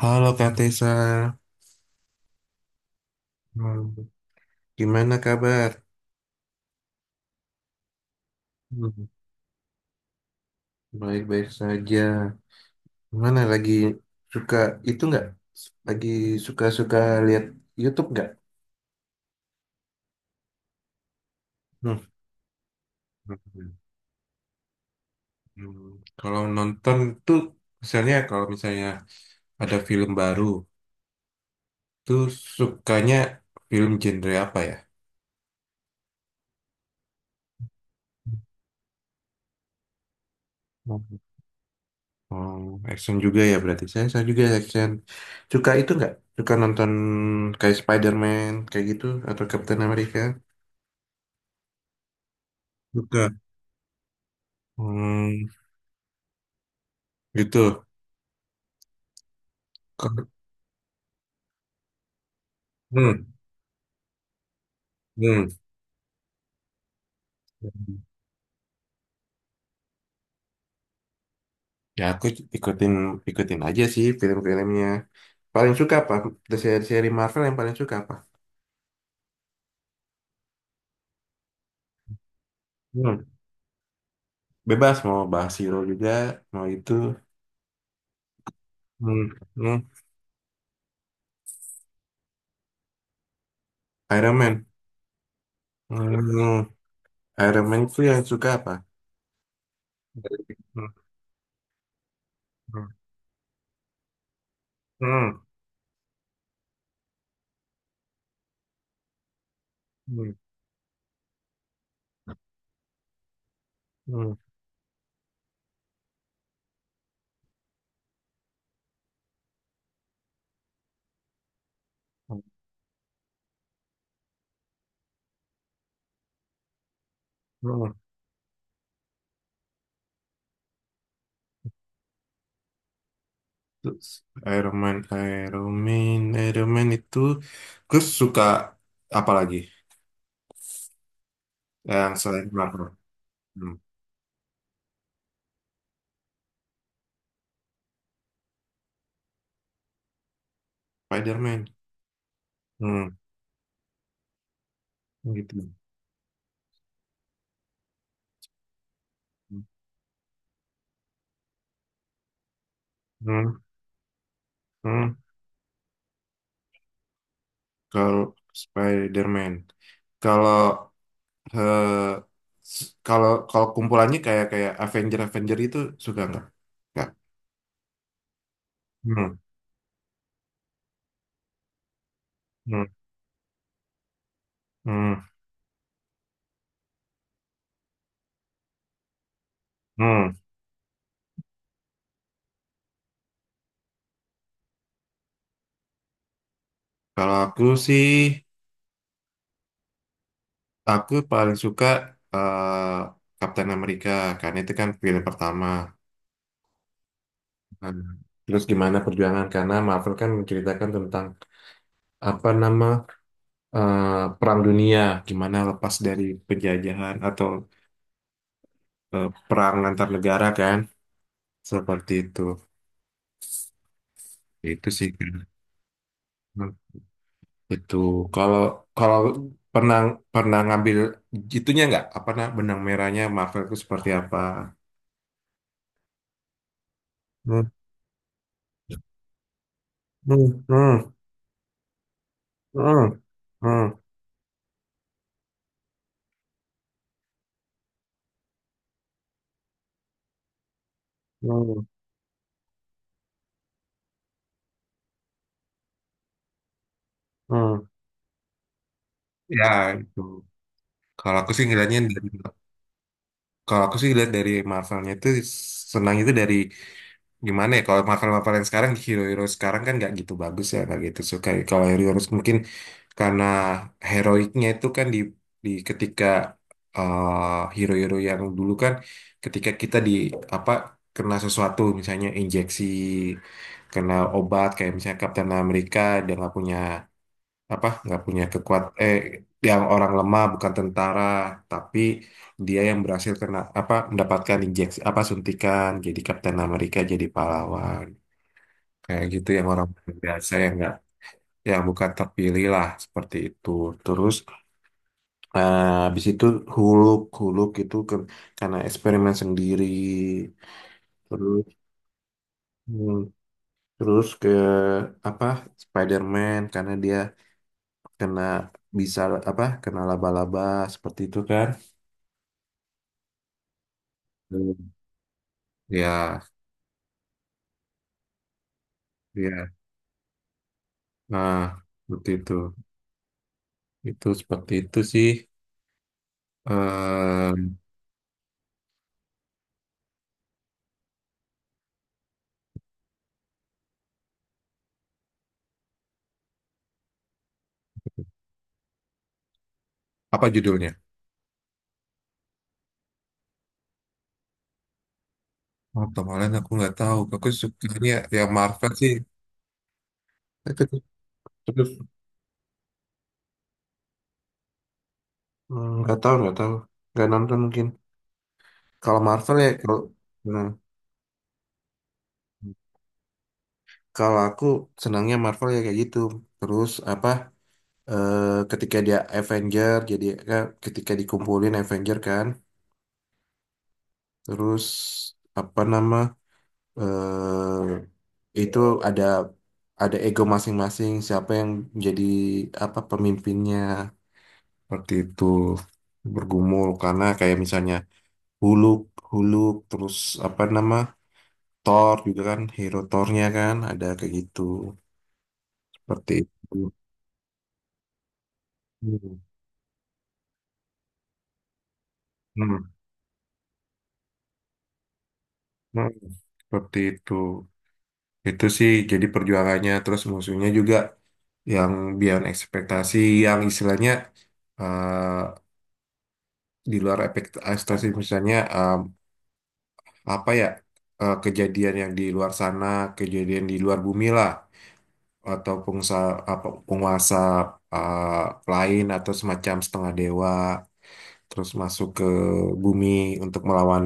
Halo Kak Tessa, Hmm, gimana kabar? Hmm, Baik-baik saja. Gimana lagi suka itu nggak? Lagi suka-suka lihat YouTube nggak? Hmm. Hmm. Kalau nonton tuh, misalnya kalau misalnya ada film baru, tuh sukanya film genre apa ya? Oh, action juga ya berarti. Saya juga action. Suka itu nggak? Suka nonton kayak Spider-Man kayak gitu atau Captain America? Suka. Hmm, gitu. Ko- Hmm, hmm. Ya aku ikutin ikutin aja sih film-filmnya. Paling suka apa? Dari seri-seri Marvel yang paling suka apa? Hmm. Bebas mau bahas hero juga, mau itu. Hmm. Hmm. Iron Man. Hmm. Iron Man itu yang suka apa? Hmm. Hmm. Hmm. Hmm. Oh, terus Iron Man, Iron Man, Iron Man itu gue suka apa lagi yang selain Marvel? Hmm. Spider-Man. Hmm, gitu. Hmm, hmm. Kalau Spider-Man, kalau eh, kalau kalau kumpulannya kayak kayak Avenger Avenger itu suka nggak? Nggak. Hmm, hmm, hmm, hmm. Kalau aku sih Aku paling suka eh, Kapten Amerika karena itu kan film pertama. Nah, terus gimana perjuangan karena Marvel kan menceritakan tentang apa nama eh, perang dunia, gimana lepas dari penjajahan atau perang antar negara kan seperti itu. Itu sih. Hmm. Itu kalau kalau pernah pernah ngambil itunya nggak apa nah benang merahnya Marvel itu seperti apa? Hmm, hmm, hmm, hmm, hmm. Hmm. Hmm. Ya, itu. Kalau aku sih ngeliatnya dari kalau aku sih lihat dari Marvelnya itu senang itu dari gimana ya kalau Marvel Marvel yang sekarang hero-hero sekarang kan nggak gitu bagus ya nggak gitu suka ya. Kalau hero-hero mungkin karena heroiknya itu kan di ketika hero-hero yang dulu kan ketika kita di apa kena sesuatu misalnya injeksi kena obat kayak misalnya Captain America dia nggak punya apa nggak punya kekuat yang orang lemah bukan tentara tapi dia yang berhasil kena apa mendapatkan injeksi apa suntikan jadi Kapten Amerika jadi pahlawan kayak gitu yang orang biasa yang nggak yang bukan terpilih lah seperti itu terus habis itu Huluk Huluk itu karena eksperimen sendiri terus hmm, terus ke apa Spider-Man karena dia kena bisa apa kena laba-laba seperti itu kan. Hmm. Ya, ya. Nah, seperti itu. Itu seperti itu sih. Em, apa judulnya? Oh, kemarin aku nggak tahu. Aku sukanya yang Marvel sih. Tapi tapi, nggak tahu, nggak tahu. Nggak nonton mungkin. Kalau Marvel ya, hmm, kalau aku senangnya Marvel ya kayak gitu. Terus apa? eh, Ketika dia Avenger, jadi ketika dikumpulin Avenger kan. Terus apa nama? Eh, itu ada ada ego masing-masing siapa yang jadi apa pemimpinnya seperti itu bergumul karena kayak misalnya Huluk Huluk terus apa nama Thor juga kan hero Thornya kan ada kayak gitu seperti itu. Hmm. Hmm. Hmm. Seperti itu sih jadi perjuangannya terus musuhnya juga yang biar ekspektasi yang istilahnya eh, di luar ekspektasi misalnya apa ya kejadian yang di luar sana kejadian di luar bumi lah atau pengusaha apa penguasa uh, lain atau semacam setengah dewa terus masuk ke bumi untuk melawan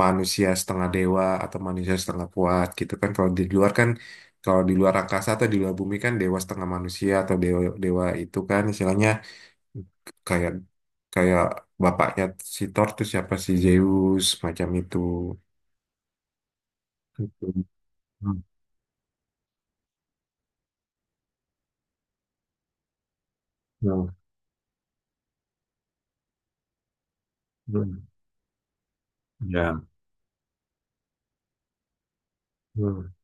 manusia setengah dewa atau manusia setengah kuat gitu kan kalau di luar kan kalau di luar angkasa atau di luar bumi kan dewa setengah manusia atau dewa dewa itu kan istilahnya kayak kayak bapaknya si Thor tuh siapa si Zeus macam itu. Itu. Hmm. Hmm. Hmm. Ya. Hmm.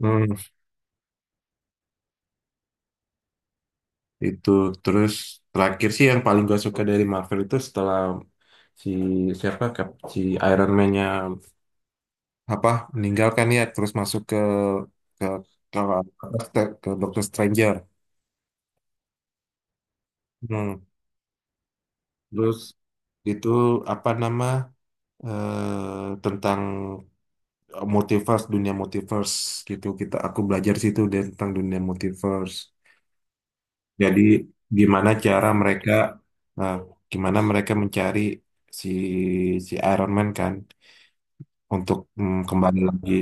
Hmm. Itu terus terakhir sih yang paling gue suka dari Marvel itu setelah si siapa si Iron Man-nya apa meninggalkan ya terus masuk ke ke ke, Doctor Stranger. Hmm. Terus itu apa nama tentang multiverse dunia multiverse gitu aku belajar situ deh tentang dunia multiverse jadi gimana cara mereka eh, gimana mereka mencari si si Iron Man kan untuk kembali lagi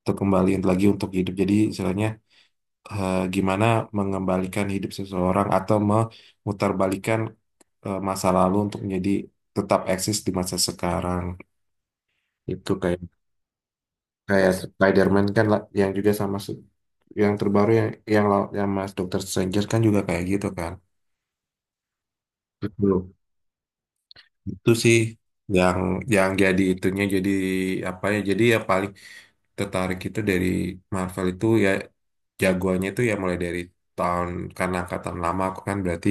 untuk hidup jadi istilahnya gimana mengembalikan hidup seseorang atau memutarbalikan masa lalu untuk menjadi tetap eksis di masa sekarang itu kayak kayak Spider-Man kan yang juga sama yang terbaru yang Mas Dokter Stranger kan juga kayak gitu kan. Betul. Itu sih yang yang jadi itunya jadi apa ya jadi ya paling tertarik itu dari Marvel itu ya jagoannya itu ya mulai dari tahun karena angkatan lama aku kan berarti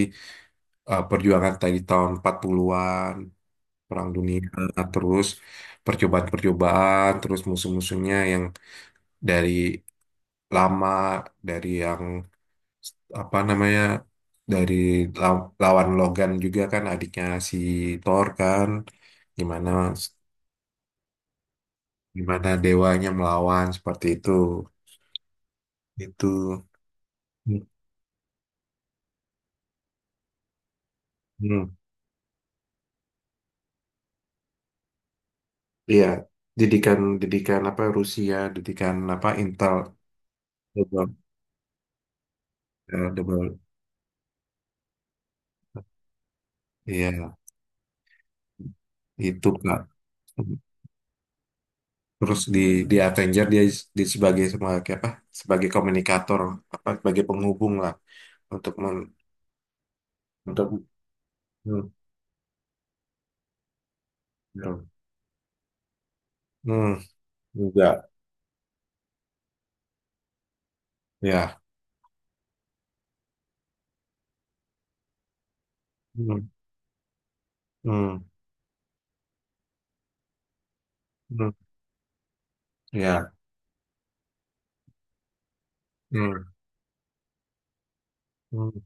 perjuangan tadi tahun 40-an Perang Dunia terus percobaan-percobaan terus musuh-musuhnya yang dari lama dari yang apa namanya dari lawan Logan juga kan adiknya si Thor kan gimana gimana dewanya melawan seperti itu itu. Hmm. Hmm, iya didikan didikan apa Rusia didikan apa Intel double double iya itu Kak. Terus di Avenger dia di sebagai sebagai apa sebagai komunikator apa sebagai penghubung lah untuk untuk hmm, hmm. Hmm, enggak. Ya. Hmm. Hmm. Hmm. Ya. Hmm. Hmm.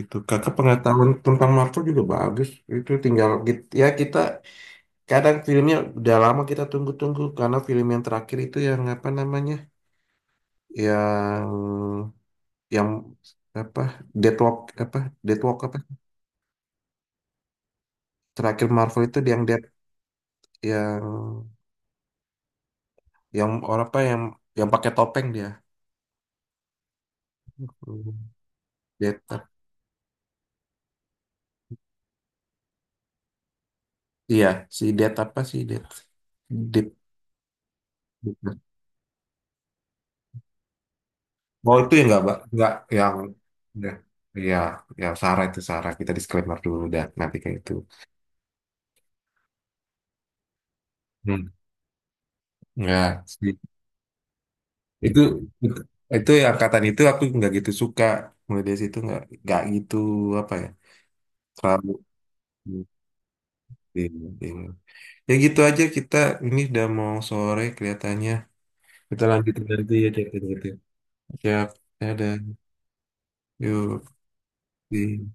Itu kakak pengetahuan tentang Marvel juga bagus. Itu tinggal ya kita kadang filmnya udah lama kita tunggu-tunggu karena film yang terakhir itu yang apa namanya? Yang yang apa? Deathlock apa? Deathlock apa? Terakhir Marvel itu yang dead yang yang orang apa yang pakai topeng dia. Hmm, Death. Iya, si Death apa sih Death? Death. Oh itu ya nggak, Mbak? Nggak yang udah. Iya, ya Sarah itu Sarah. Kita disclaimer dulu dah nanti kayak itu. Hmm. Nggak sih. Itu itu yang angkatan itu aku nggak gitu suka. Mulai dari situ nggak gitu apa ya? Terlalu Iya, iya. Ya gitu aja kita ini udah mau sore kelihatannya. Kita lanjutin nanti ya kayak gitu. Ya, ada. Yuk. Di-